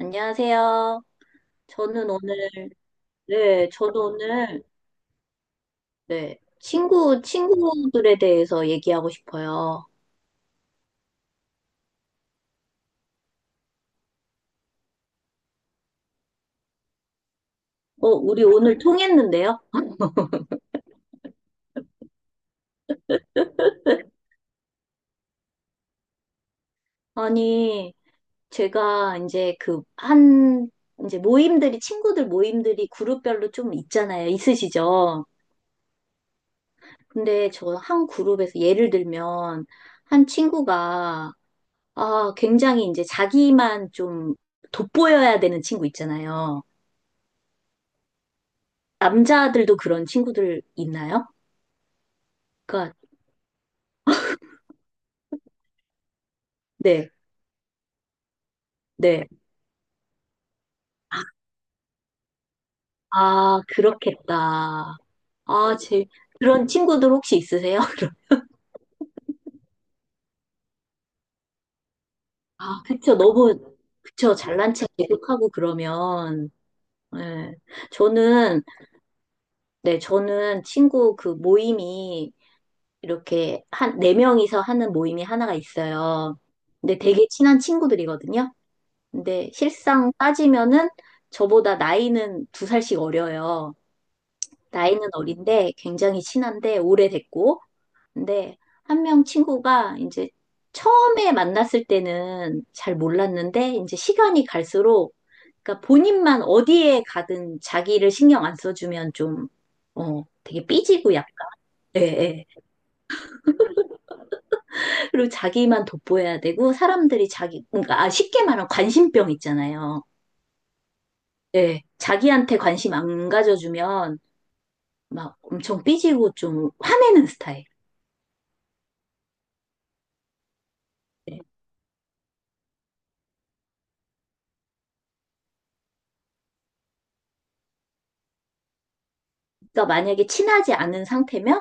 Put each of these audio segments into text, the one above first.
안녕하세요. 저는 오늘, 네, 저도 오늘, 네, 친구들에 대해서 얘기하고 싶어요. 어, 우리 오늘 통했는데요? 아니, 제가 이제 이제 모임들이, 친구들 모임들이 그룹별로 좀 있잖아요. 있으시죠? 근데 저 한 그룹에서 예를 들면, 한 친구가, 아, 굉장히 이제 자기만 좀 돋보여야 되는 친구 있잖아요. 남자들도 그런 친구들 있나요? 그러니까 네, 네. 아, 그렇겠다. 아, 제 그런 친구들 혹시 있으세요? 그럼. 아, 그쵸. 너무 그쵸. 잘난 체 계속하고 그러면 네. 저는 네, 저는 친구 그 모임이 이렇게 한 네 명이서 하는 모임이 하나가 있어요. 근데 되게 친한 친구들이거든요. 근데 실상 따지면은 저보다 나이는 두 살씩 어려요. 나이는 어린데 굉장히 친한데 오래됐고 근데 한 명 친구가 이제 처음에 만났을 때는 잘 몰랐는데 이제 시간이 갈수록 그러니까 본인만 어디에 가든 자기를 신경 안 써주면 좀 되게 삐지고 약간 예, 예. 그리고 자기만 돋보여야 되고 사람들이 자기 그러니까 아, 쉽게 말하면 관심병 있잖아요. 예. 자기한테 관심 안 가져주면 막 엄청 삐지고 좀 화내는 스타일. 예. 그러니까 만약에 친하지 않은 상태면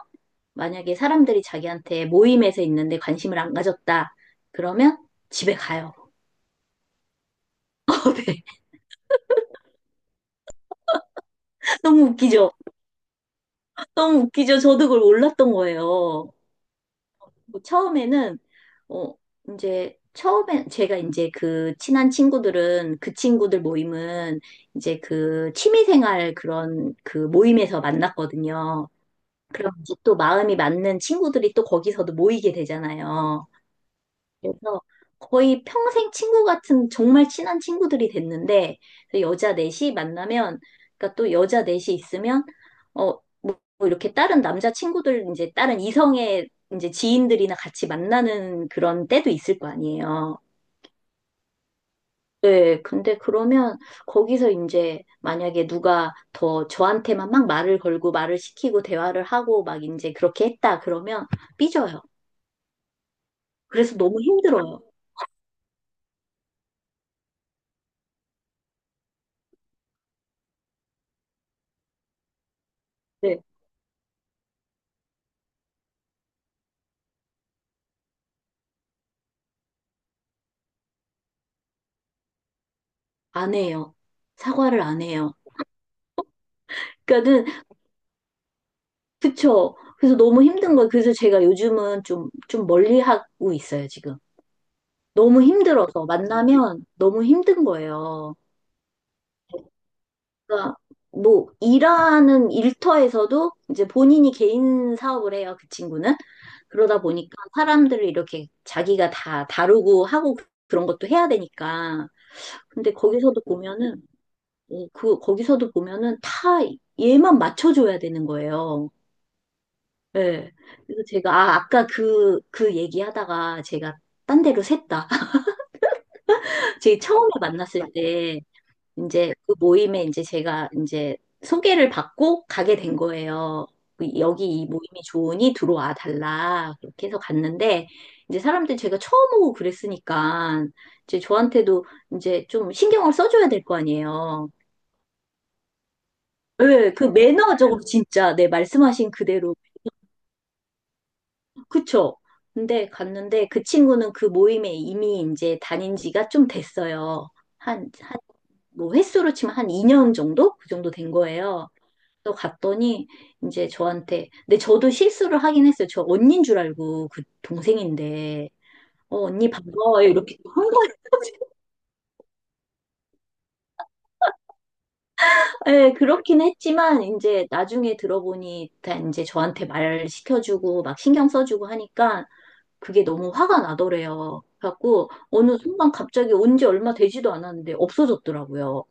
만약에 사람들이 자기한테 모임에서 있는데 관심을 안 가졌다. 그러면 집에 가요. 네. 너무 웃기죠? 너무 웃기죠? 저도 그걸 몰랐던 거예요. 뭐 처음에는, 어, 이제, 처음에 제가 이제 그 친한 친구들은 그 친구들 모임은 이제 그 취미생활 그런 그 모임에서 만났거든요. 그럼 이제 또 마음이 맞는 친구들이 또 거기서도 모이게 되잖아요. 그래서 거의 평생 친구 같은 정말 친한 친구들이 됐는데 그래서 여자 넷이 만나면 그러니까 또 여자 넷이 있으면 어뭐 이렇게 다른 남자 친구들 이제 다른 이성의 이제 지인들이나 같이 만나는 그런 때도 있을 거 아니에요. 네, 근데 그러면 거기서 이제 만약에 누가 더 저한테만 막 말을 걸고 말을 시키고 대화를 하고 막 이제 그렇게 했다 그러면 삐져요. 그래서 너무 힘들어요. 네, 안 해요. 사과를 안 해요. 그러니까는 그쵸. 그래서 너무 힘든 거예요. 그래서 제가 요즘은 좀 멀리 하고 있어요, 지금. 너무 힘들어서 만나면 너무 힘든 거예요. 그러니까 뭐 일하는 일터에서도 이제 본인이 개인 사업을 해요, 그 친구는. 그러다 보니까 사람들을 이렇게 자기가 다 다루고 하고 그런 것도 해야 되니까. 근데 거기서도 보면은 그 거기서도 보면은 다 얘만 맞춰줘야 되는 거예요. 예. 그래서 제가, 아, 아까 그 얘기하다가 제가 딴 데로 샜다. 제가 처음에 만났을 때, 이제 그 모임에 이제 제가 이제 소개를 받고 가게 된 거예요. 그 여기 이 모임이 좋으니 들어와 달라. 그렇게 해서 갔는데, 이제 사람들이 제가 처음 오고 그랬으니까, 이제 저한테도 이제 좀 신경을 써줘야 될 거 아니에요. 예, 그 매너적으로 진짜, 네, 말씀하신 그대로 그쵸? 근데 갔는데 그 친구는 그 모임에 이미 이제 다닌 지가 좀 됐어요. 한, 한, 뭐 횟수로 치면 한 2년 정도? 그 정도 된 거예요. 또 갔더니 이제 저한테, 근데 저도 실수를 하긴 했어요. 저 언니인 줄 알고 그 동생인데, 어, 언니 반가워요. 이렇게 한 거예요. 예, 그렇긴 했지만, 이제 나중에 들어보니 다 이제 저한테 말 시켜주고 막 신경 써주고 하니까 그게 너무 화가 나더래요. 그래갖고 어느 순간 갑자기 온 지 얼마 되지도 않았는데 없어졌더라고요.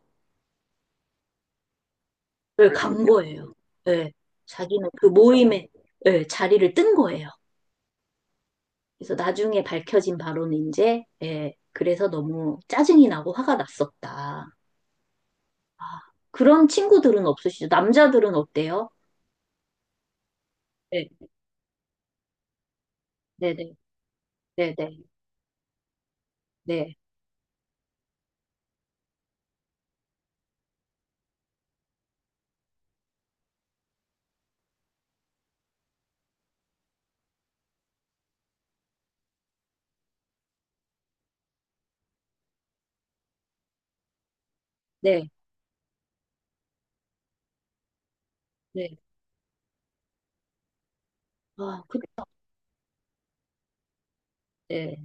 그간 거예요. 네, 자기는 그 모임에 네, 자리를 뜬 거예요. 그래서 나중에 밝혀진 바로는 이제 예, 그래서 너무 짜증이 나고 화가 났었다. 아, 그런 친구들은 없으시죠? 남자들은 어때요? 네, 네, 네, 네, 네, 네, 네, 네. 아, 그쵸. 네,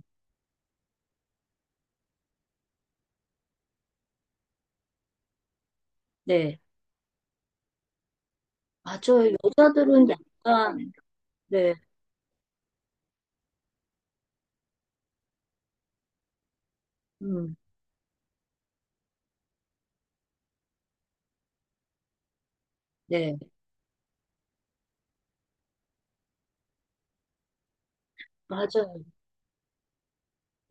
네. 맞아요. 여자들은 약간, 네, 음, 네. 맞아요.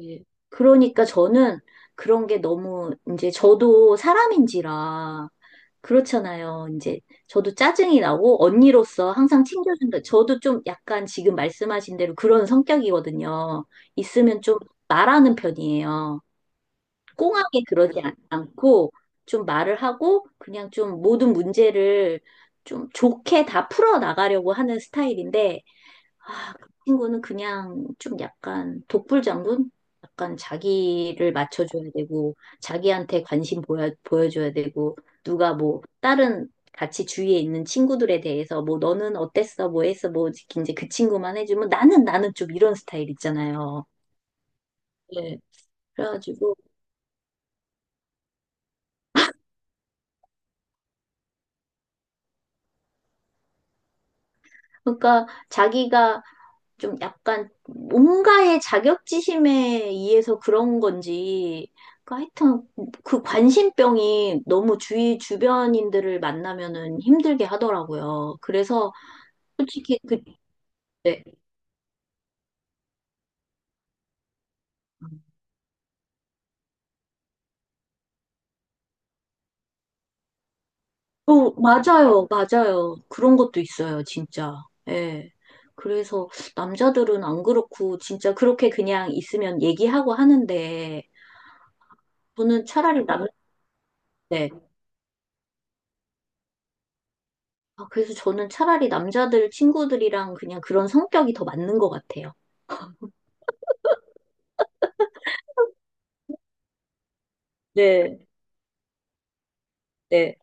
예. 그러니까 저는 그런 게 너무 이제 저도 사람인지라 그렇잖아요. 이제 저도 짜증이 나고 언니로서 항상 챙겨준다. 저도 좀 약간 지금 말씀하신 대로 그런 성격이거든요. 있으면 좀 말하는 편이에요. 꽁하게 그러지 않고 좀 말을 하고 그냥 좀 모든 문제를 좀 좋게 다 풀어 나가려고 하는 스타일인데 아, 그 친구는 그냥 좀 약간 독불장군? 약간 자기를 맞춰줘야 되고, 자기한테 보여줘야 되고, 누가 뭐, 다른 같이 주위에 있는 친구들에 대해서 뭐, 너는 어땠어? 뭐 했어? 뭐, 이제 그 친구만 해주면 나는 좀 이런 스타일 있잖아요. 네. 그래가지고, 그러니까 자기가 좀 약간 뭔가의 자격지심에 의해서 그런 건지, 그 하여튼 그 관심병이 너무 주위 주변인들을 만나면은 힘들게 하더라고요. 그래서 솔직히 그, 네. 어, 맞아요, 맞아요. 그런 것도 있어요, 진짜. 예. 그래서 남자들은 안 그렇고, 진짜 그렇게 그냥 있으면 얘기하고 하는데, 저는 차라리 남, 때 아, 그래서 저는 차라리 남자들 친구들이랑 그냥 그런 성격이 더 맞는 것 같아요. 네, 네,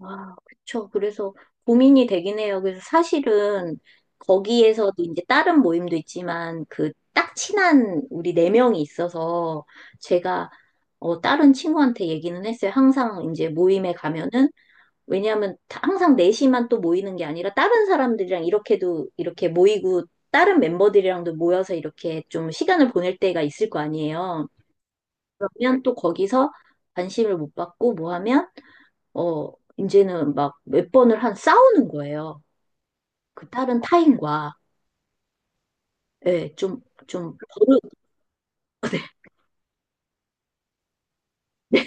아, 그쵸. 그래서 고민이 되긴 해요. 그래서 사실은 거기에서도 이제 다른 모임도 있지만 그 딱 친한 우리 네 명이 있어서 제가 어, 다른 친구한테 얘기는 했어요. 항상 이제 모임에 가면은 왜냐하면 항상 넷이만 또 모이는 게 아니라 다른 사람들이랑 이렇게도 이렇게 모이고 다른 멤버들이랑도 모여서 이렇게 좀 시간을 보낼 때가 있을 거 아니에요. 그러면 또 거기서 관심을 못 받고 뭐 하면 어 이제는 막 몇 번을 한 싸우는 거예요. 그 다른 타인과 예, 좀, 좀 버릇 네. 네.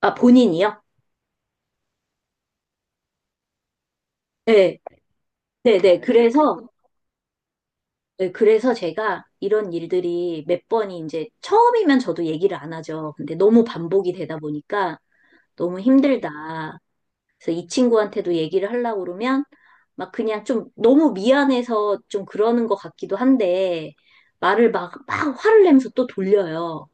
아 본인이요? 네, 네, 네. 그래서 네, 그래서 제가 이런 일들이 몇 번이 이제 처음이면 저도 얘기를 안 하죠. 근데 너무 반복이 되다 보니까 너무 힘들다. 그래서 이 친구한테도 얘기를 하려고 그러면 막 그냥 좀 너무 미안해서 좀 그러는 것 같기도 한데 말을 막 화를 내면서 또 돌려요.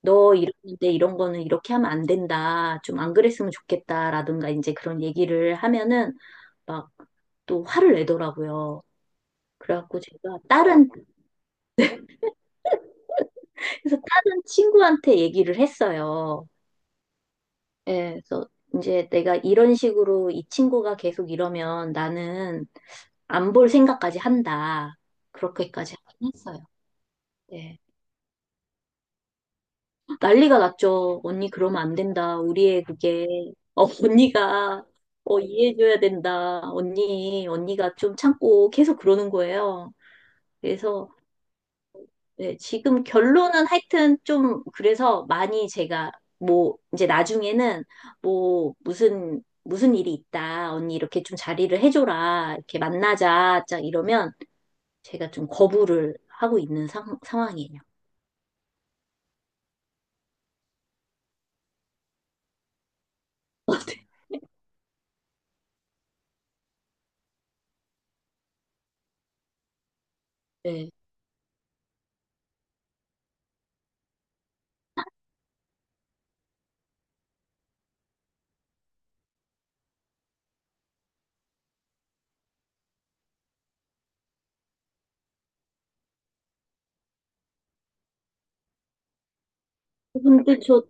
너 이러는데 이런 거는 이렇게 하면 안 된다. 좀 안 그랬으면 좋겠다라든가 이제 그런 얘기를 하면은 막 또 화를 내더라고요. 그래갖고 제가 다른 그래서 다른 친구한테 얘기를 했어요. 예, 그래서 이제 내가 이런 식으로 이 친구가 계속 이러면 나는 안 볼 생각까지 한다. 그렇게까지 하긴 했어요. 예. 난리가 났죠. 언니 그러면 안 된다. 우리의 그게 어, 언니가 어, 이해해줘야 된다. 언니가 좀 참고 계속 그러는 거예요. 그래서 네, 지금 결론은 하여튼 좀 그래서 많이 제가 뭐 이제 나중에는 뭐 무슨 무슨 일이 있다 언니 이렇게 좀 자리를 해줘라 이렇게 만나자 짝 이러면 제가 좀 거부를 하고 있는 상황이에요. 네. 근데 저,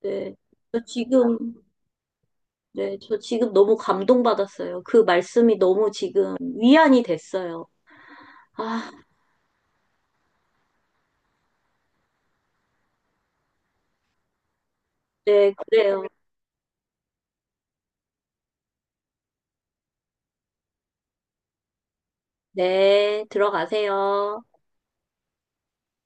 네. 저 지금, 네. 저 지금 너무 감동받았어요. 그 말씀이 너무 지금 위안이 됐어요. 아, 네. 그래요. 네. 들어가세요.